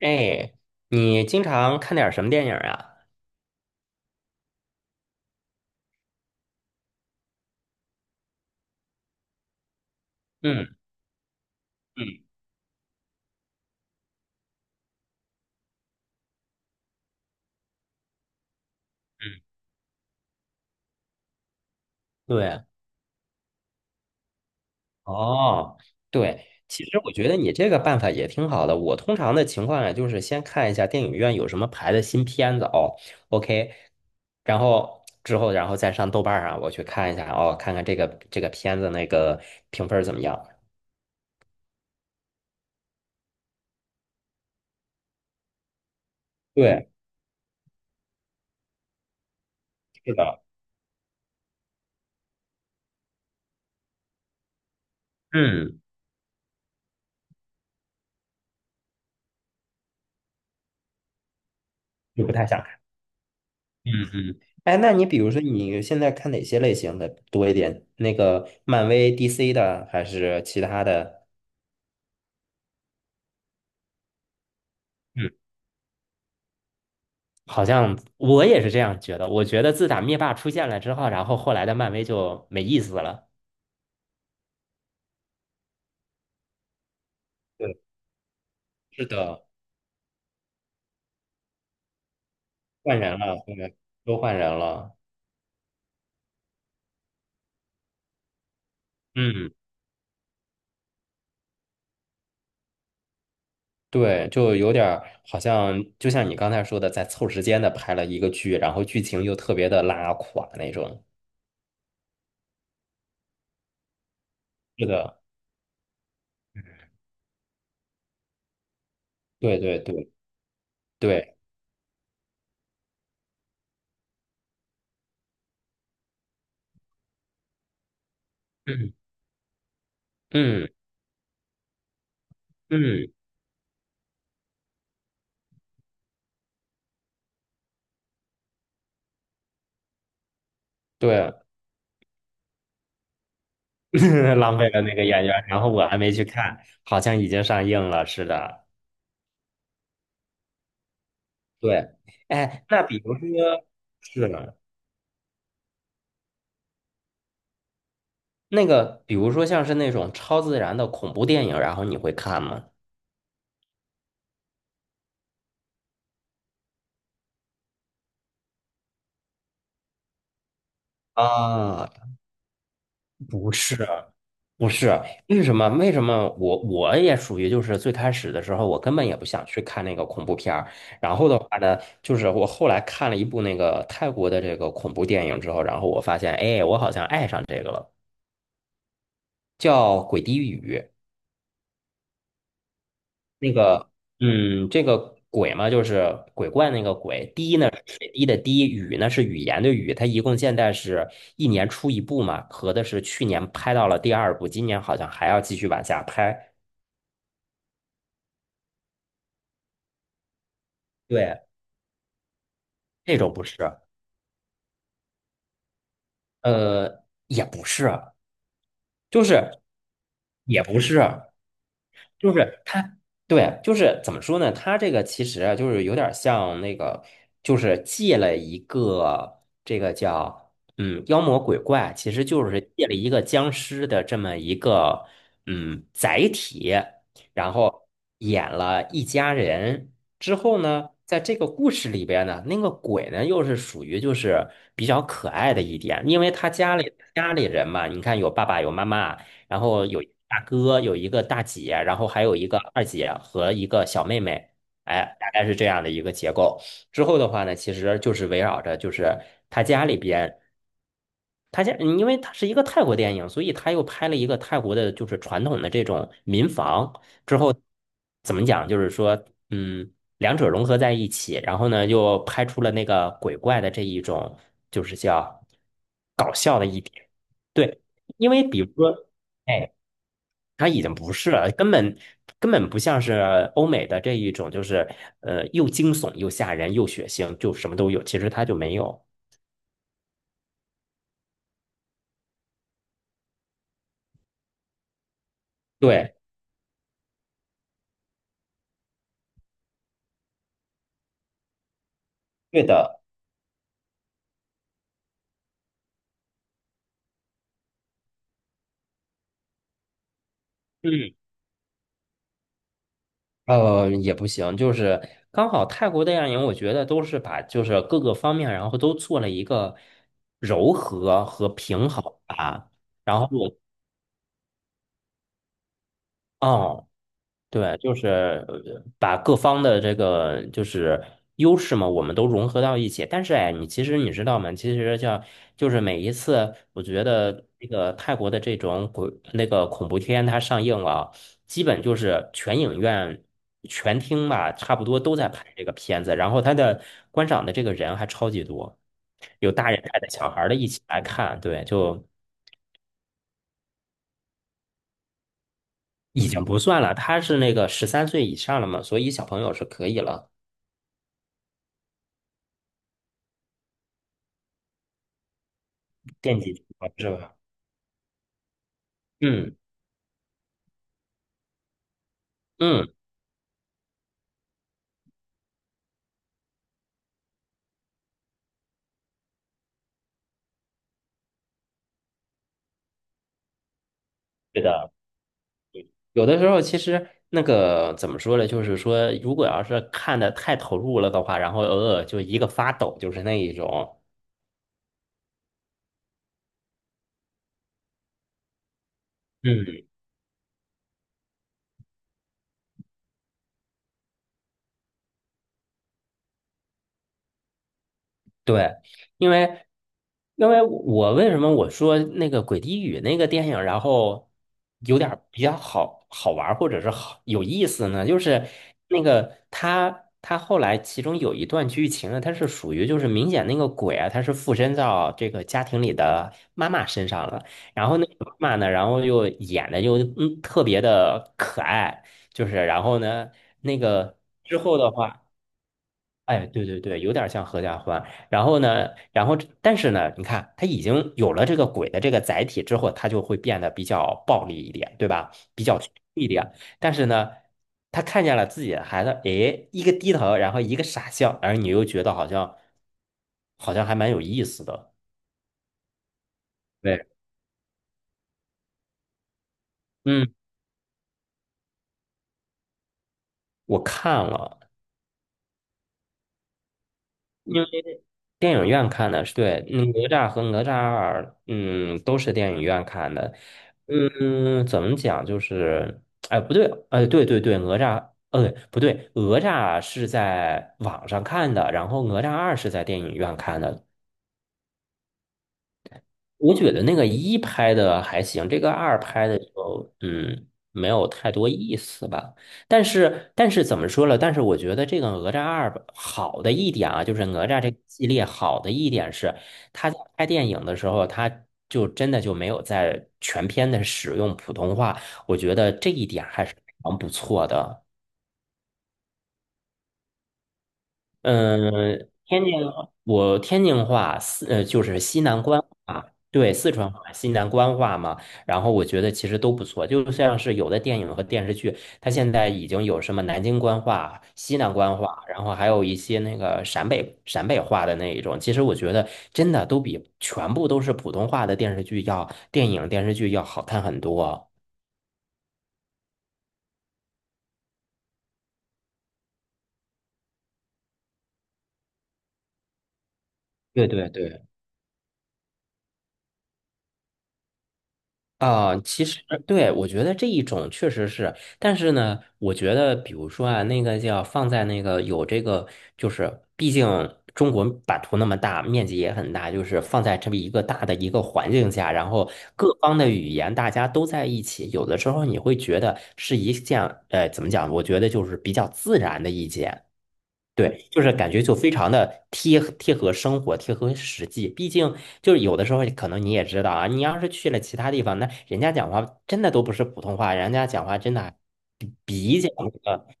哎，你经常看点儿什么电影啊？嗯嗯嗯，对，哦，对，其实我觉得你这个办法也挺好的。我通常的情况呀，就是先看一下电影院有什么排的新片子哦，OK，然后之后然后再上豆瓣儿上我去看一下哦，看看这个片子那个评分儿怎么样。对，是的，嗯，就不太想看。嗯嗯。哎，那你比如说你现在看哪些类型的多一点？那个漫威、DC 的，还是其他的？嗯，好像我也是这样觉得。我觉得自打灭霸出现了之后，然后后来的漫威就没意思了。对，是的，换人了，后面都换人了。嗯，对，就有点儿好像，就像你刚才说的，在凑时间的拍了一个剧，然后剧情又特别的拉垮那种。是的，对对对对，嗯嗯嗯，对。浪费了那个演员，然后我还没去看，好像已经上映了，似的，对，哎，那比如说，是的，那个，比如说像是那种超自然的恐怖电影，然后你会看吗？啊，不是，不是，为什么？为什么我也属于就是最开始的时候，我根本也不想去看那个恐怖片儿。然后的话呢，就是我后来看了一部那个泰国的这个恐怖电影之后，然后我发现，哎，我好像爱上这个了，叫《鬼地狱》。那个，嗯，这个鬼嘛，就是鬼怪那个鬼。滴呢是水滴的滴，雨呢是语言的语。它一共现在是一年出一部嘛，合的是去年拍到了第二部，今年好像还要继续往下拍。对，这种不是，也不是，就是也不是。就是他，对，就是怎么说呢？他这个其实啊就是有点儿像那个，就是借了一个这个叫妖魔鬼怪，其实就是借了一个僵尸的这么一个载体，然后演了一家人之后呢，在这个故事里边呢，那个鬼呢又是属于就是比较可爱的一点，因为他家里人嘛，你看有爸爸有妈妈。然后有一个大哥，有一个大姐，然后还有一个二姐和一个小妹妹，哎，大概是这样的一个结构。之后的话呢，其实就是围绕着就是他家里边，他家因为他是一个泰国电影，所以他又拍了一个泰国的，就是传统的这种民房。之后怎么讲，就是说，嗯，两者融合在一起，然后呢，又拍出了那个鬼怪的这一种，就是叫搞笑的一点。对，因为比如说。哎。它已经不是了，根本不像是欧美的这一种，就是又惊悚又吓人又血腥，就什么都有。其实它就没有。对，对的，嗯，也不行，就是刚好泰国电影，我觉得都是把就是各个方面，然后都做了一个柔和和平衡吧。然后我，哦。对，就是把各方的这个就是优势嘛，我们都融合到一起。但是哎，你其实你知道吗？其实像就是每一次，我觉得那个泰国的这种鬼那个恐怖片它上映了，基本就是全影院全厅吧，差不多都在拍这个片子。然后它的观赏的这个人还超级多，有大人带着小孩儿的一起来看，对，就已经不算了。他是那个13岁以上了嘛，所以小朋友是可以了。电极循环是吧？嗯嗯，对的。有的时候其实那个怎么说呢，就是说，如果要是看的太投入了的话，然后偶尔就一个发抖，就是那一种。嗯。对，因为因为我为什么我说那个《鬼地狱》那个电影，然后有点儿比较好好玩儿或者是好有意思呢？就是那个他后来其中有一段剧情呢，它是属于就是明显那个鬼啊，他是附身到这个家庭里的妈妈身上了，然后那个妈妈呢，然后又演的又特别的可爱，就是然后呢那个之后的话。哎，对对对，有点像合家欢。然后呢，然后但是呢，你看，他已经有了这个鬼的这个载体之后，他就会变得比较暴力一点，对吧？比较凶一点。但是呢，他看见了自己的孩子，诶，一个低头，然后一个傻笑，而你又觉得好像还蛮有意思的。对，嗯，我看了。电影院看的，是对，嗯哪吒和哪吒二，嗯，都是电影院看的。嗯，怎么讲？就是，哎，不对，哎，对对对，哪吒，不对，哪吒是在网上看的，然后哪吒二是在电影院看的。我觉得那个一拍的还行，这个二拍的就没有太多意思吧。但是怎么说了？但是我觉得这个哪吒二吧好的一点啊，就是哪吒这个系列好的一点是，他在拍电影的时候，他就真的就没有在全片的使用普通话，我觉得这一点还是非常不错的。嗯，天津，我天津话，就是西南官话，对，四川话、西南官话嘛。然后我觉得其实都不错，就像是有的电影和电视剧，它现在已经有什么南京官话、西南官话，然后还有一些那个陕北话的那一种。其实我觉得真的都比全部都是普通话的电视剧要电影电视剧要好看很多。对对对。啊，其实对，我觉得这一种确实是，但是呢，我觉得比如说啊，那个叫放在那个有这个，就是毕竟中国版图那么大，面积也很大，就是放在这么一个大的一个环境下，然后各方的语言大家都在一起，有的时候你会觉得是一件，怎么讲？我觉得就是比较自然的意见。对，就是感觉就非常的贴合生活，贴合实际。毕竟就是有的时候，可能你也知道啊，你要是去了其他地方，那人家讲话真的都不是普通话，人家讲话真的比较那个。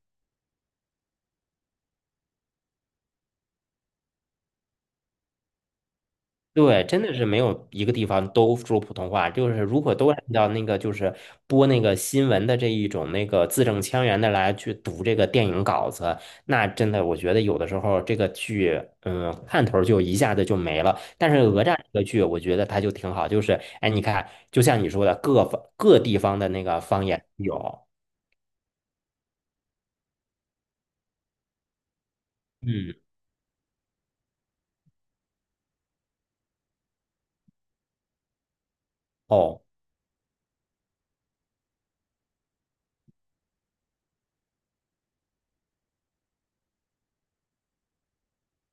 对，真的是没有一个地方都说普通话。就是如果都按照那个，就是播那个新闻的这一种那个字正腔圆的来去读这个电影稿子，那真的我觉得有的时候这个剧，嗯，看头儿就一下子就没了。但是哪吒这个剧，我觉得它就挺好，就是哎，你看，就像你说的，各方各地方的那个方言有，嗯，哦，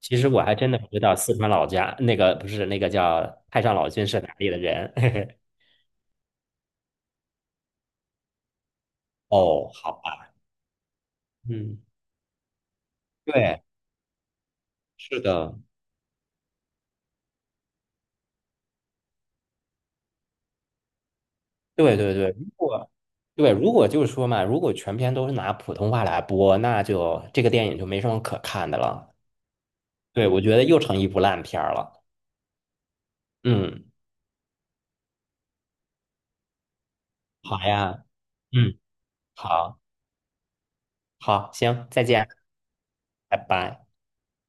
其实我还真的不知道四川老家那个不是那个叫太上老君是哪里的人，嘿嘿，哦，好吧。嗯。对，是的，对对对。如果对，如果就是说嘛，如果全篇都是拿普通话来播，那就这个电影就没什么可看的了。对，我觉得又成一部烂片儿了。嗯，好呀，嗯，好，好，行，再见，拜拜。